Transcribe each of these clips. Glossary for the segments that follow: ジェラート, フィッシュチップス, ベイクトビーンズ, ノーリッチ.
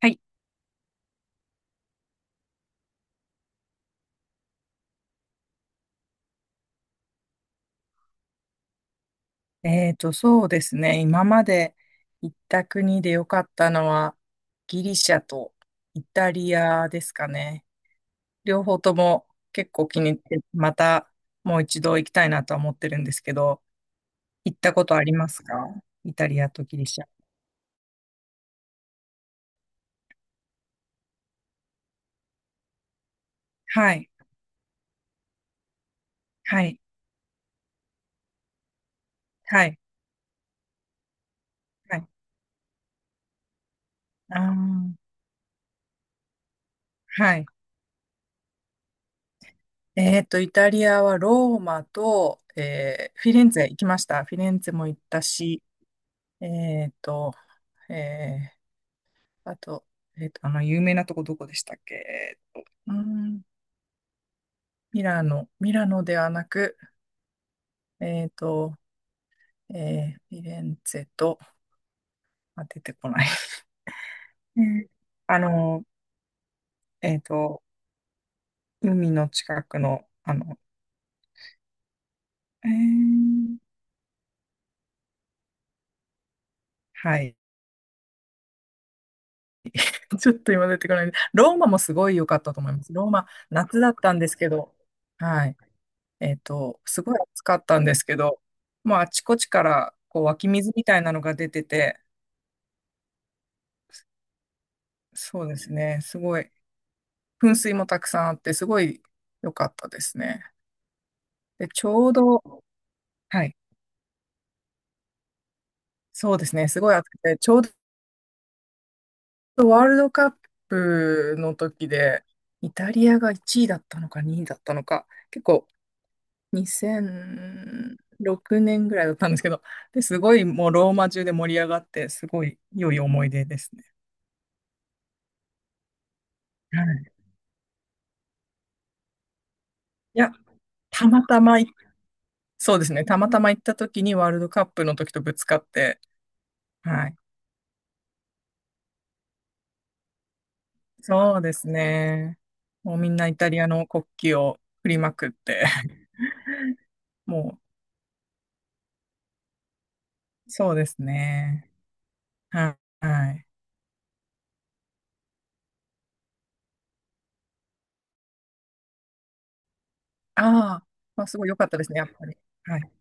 はい。そうですね。今まで行った国で良かったのは、ギリシャとイタリアですかね。両方とも結構気に入って、またもう一度行きたいなとは思ってるんですけど、行ったことありますか？イタリアとギリシャ。はい。はい。はい。はい。あー、はい。イタリアはローマと、フィレンツェ行きました。フィレンツェも行ったし、えーと、えーあと、えっと、あの、有名なとこどこでしたっけ？ミラノ、ミラノではなく、えっと、フィレンツェと、あ、出てこない。えーあの、えっと、海の近くの、えーはい。ちょっと今出てこない。ローマもすごい良かったと思います。ローマ、夏だったんですけど、はい。すごい暑かったんですけど、もうあちこちから、こう湧き水みたいなのが出てて、そうですね。すごい、噴水もたくさんあって、すごい良かったですね。で、ちょうど、はい、そうですね。すごい暑くて、ちょうどワールドカップの時で、イタリアが1位だったのか2位だったのか、結構2006年ぐらいだったんですけど、で、すごいもうローマ中で盛り上がって、すごい良い思い出ですね。はい。いや、たまたまい、そうですね。たまたま行った時にワールドカップの時とぶつかって、はい。そうですね。もうみんなイタリアの国旗を振りまくって、もう、そうですね。はい。はい。ああ、まあ、すごい良かったですね、やっぱり。はい。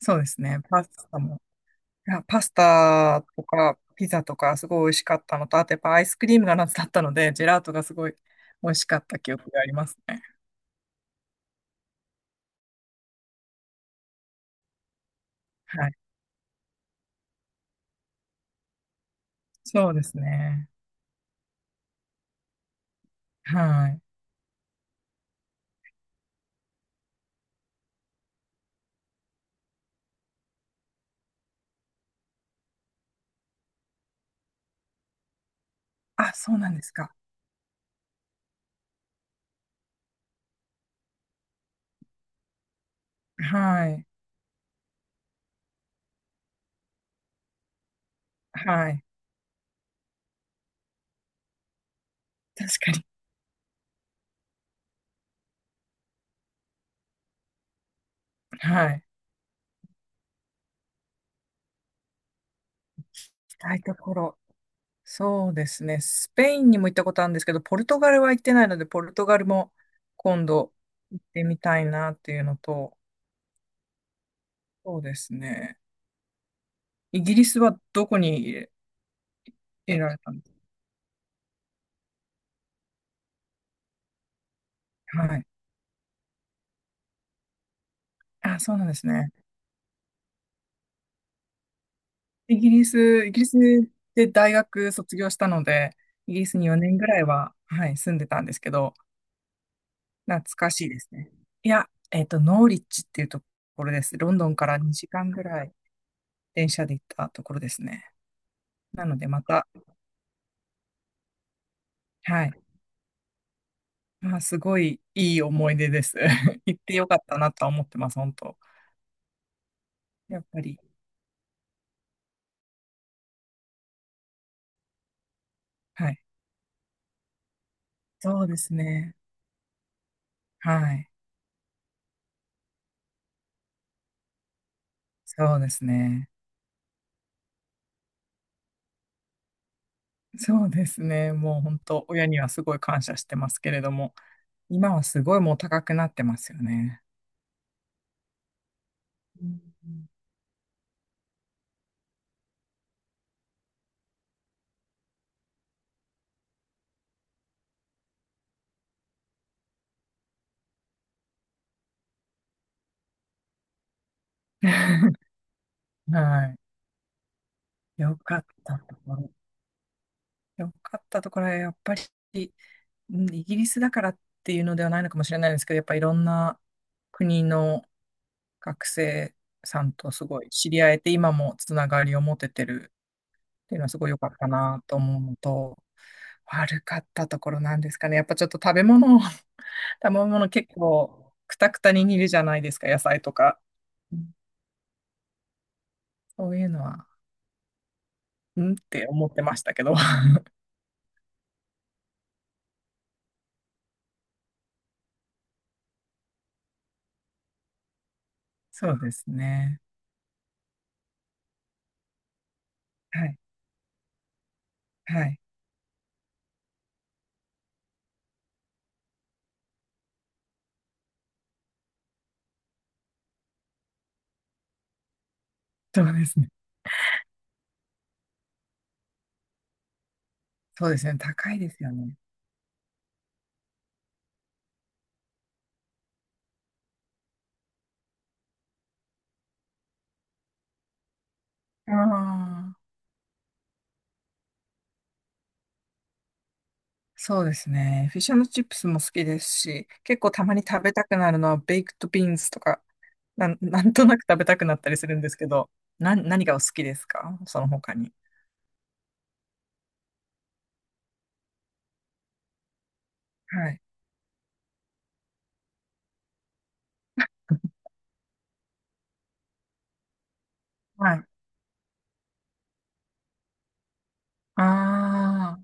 そうですね。パスタも。いや、パスタとかピザとかすごい美味しかったのと、あとやっぱアイスクリームが夏だったので、ジェラートがすごい美味しかった記憶がありますね。はい。そうですね。はい。あ、そうなんですか。はい。はい。確かに。はい。行きたいところ。そうですね。スペインにも行ったことあるんですけど、ポルトガルは行ってないので、ポルトガルも今度行ってみたいなっていうのと、そうですね。イギリスはどこに入れ、入れられたんですか？はい。あ、そうなんですね。イギリス、イギリスで大学卒業したので、イギリスに4年ぐらいは、はい、住んでたんですけど、懐かしいですね。いや、ノーリッチっていうところです。ロンドンから2時間ぐらい電車で行ったところですね。なので、また、はい。まあ、すごいいい思い出です。行ってよかったなとは思ってます、本当。やっぱり。はい。そうですね。はい。そうですね。そうですね。もう本当、親にはすごい感謝してますけれども、今はすごいもう高くなってますよね。うん。 はい。よかったところ。よかったところは、やっぱり、うん、イギリスだからっていうのではないのかもしれないですけど、やっぱいろんな国の学生さんとすごい知り合えて、今もつながりを持ててるっていうのはすごい良かったなと思うのと、悪かったところなんですかね。やっぱちょっと食べ物、食べ物結構クタクタに煮るじゃないですか、野菜とか。うん、そういうのは、うんって思ってましたけど。そうですね。はい。はい。そうですね。そうですね。高いですよね。ああ、そうですね。フィッシュチップスも好きですし、結構たまに食べたくなるのはベイクトビーンズとかなんとなく食べたくなったりするんですけど、何がお好きですかその他に。はい。はい。ああ、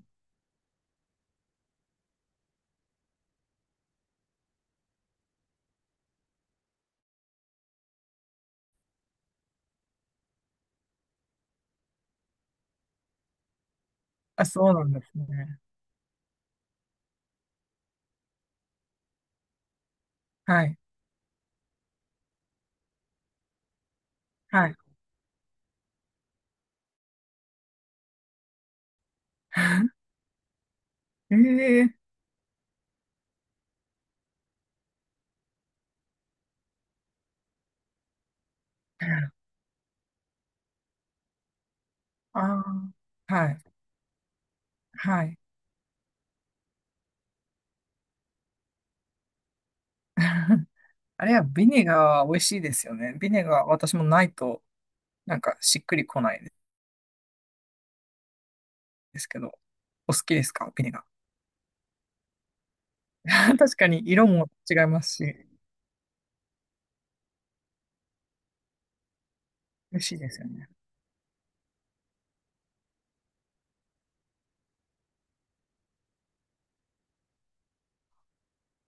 あ、そうなんですね。はい。はい。ええ、ああ、ー、はい。はい。あれはビネガーは美味しいですよね。ビネガー、私もないと、なんかしっくりこないですけど、お好きですかビネガー。確かに色も違いますし、美味しいですよね。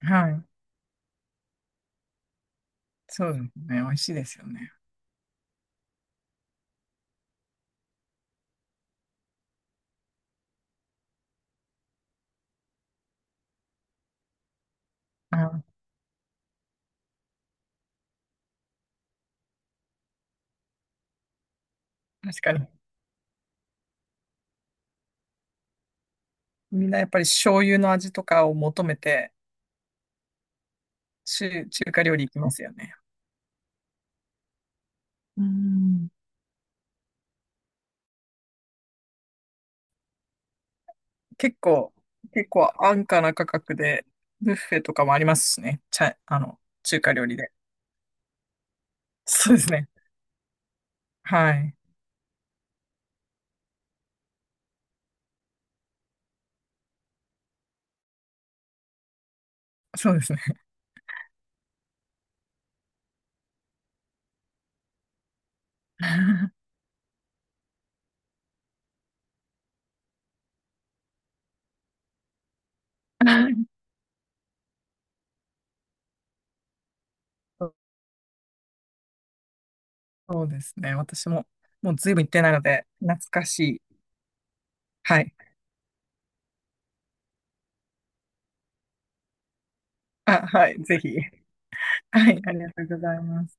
はい。そうですね。美味しいですよね。あー、確かに。みんなやっぱり醤油の味とかを求めて、中華料理行きますよね。うん。結構、結構安価な価格で、ブッフェとかもありますしね。ちゃ、あの、中華料理で。そうですね。はい。そうですね。そうそうですね。私も、もうずいぶん行ってないので、懐かしい。はい。あ、はい。ぜひ。はい。ありがとうございます。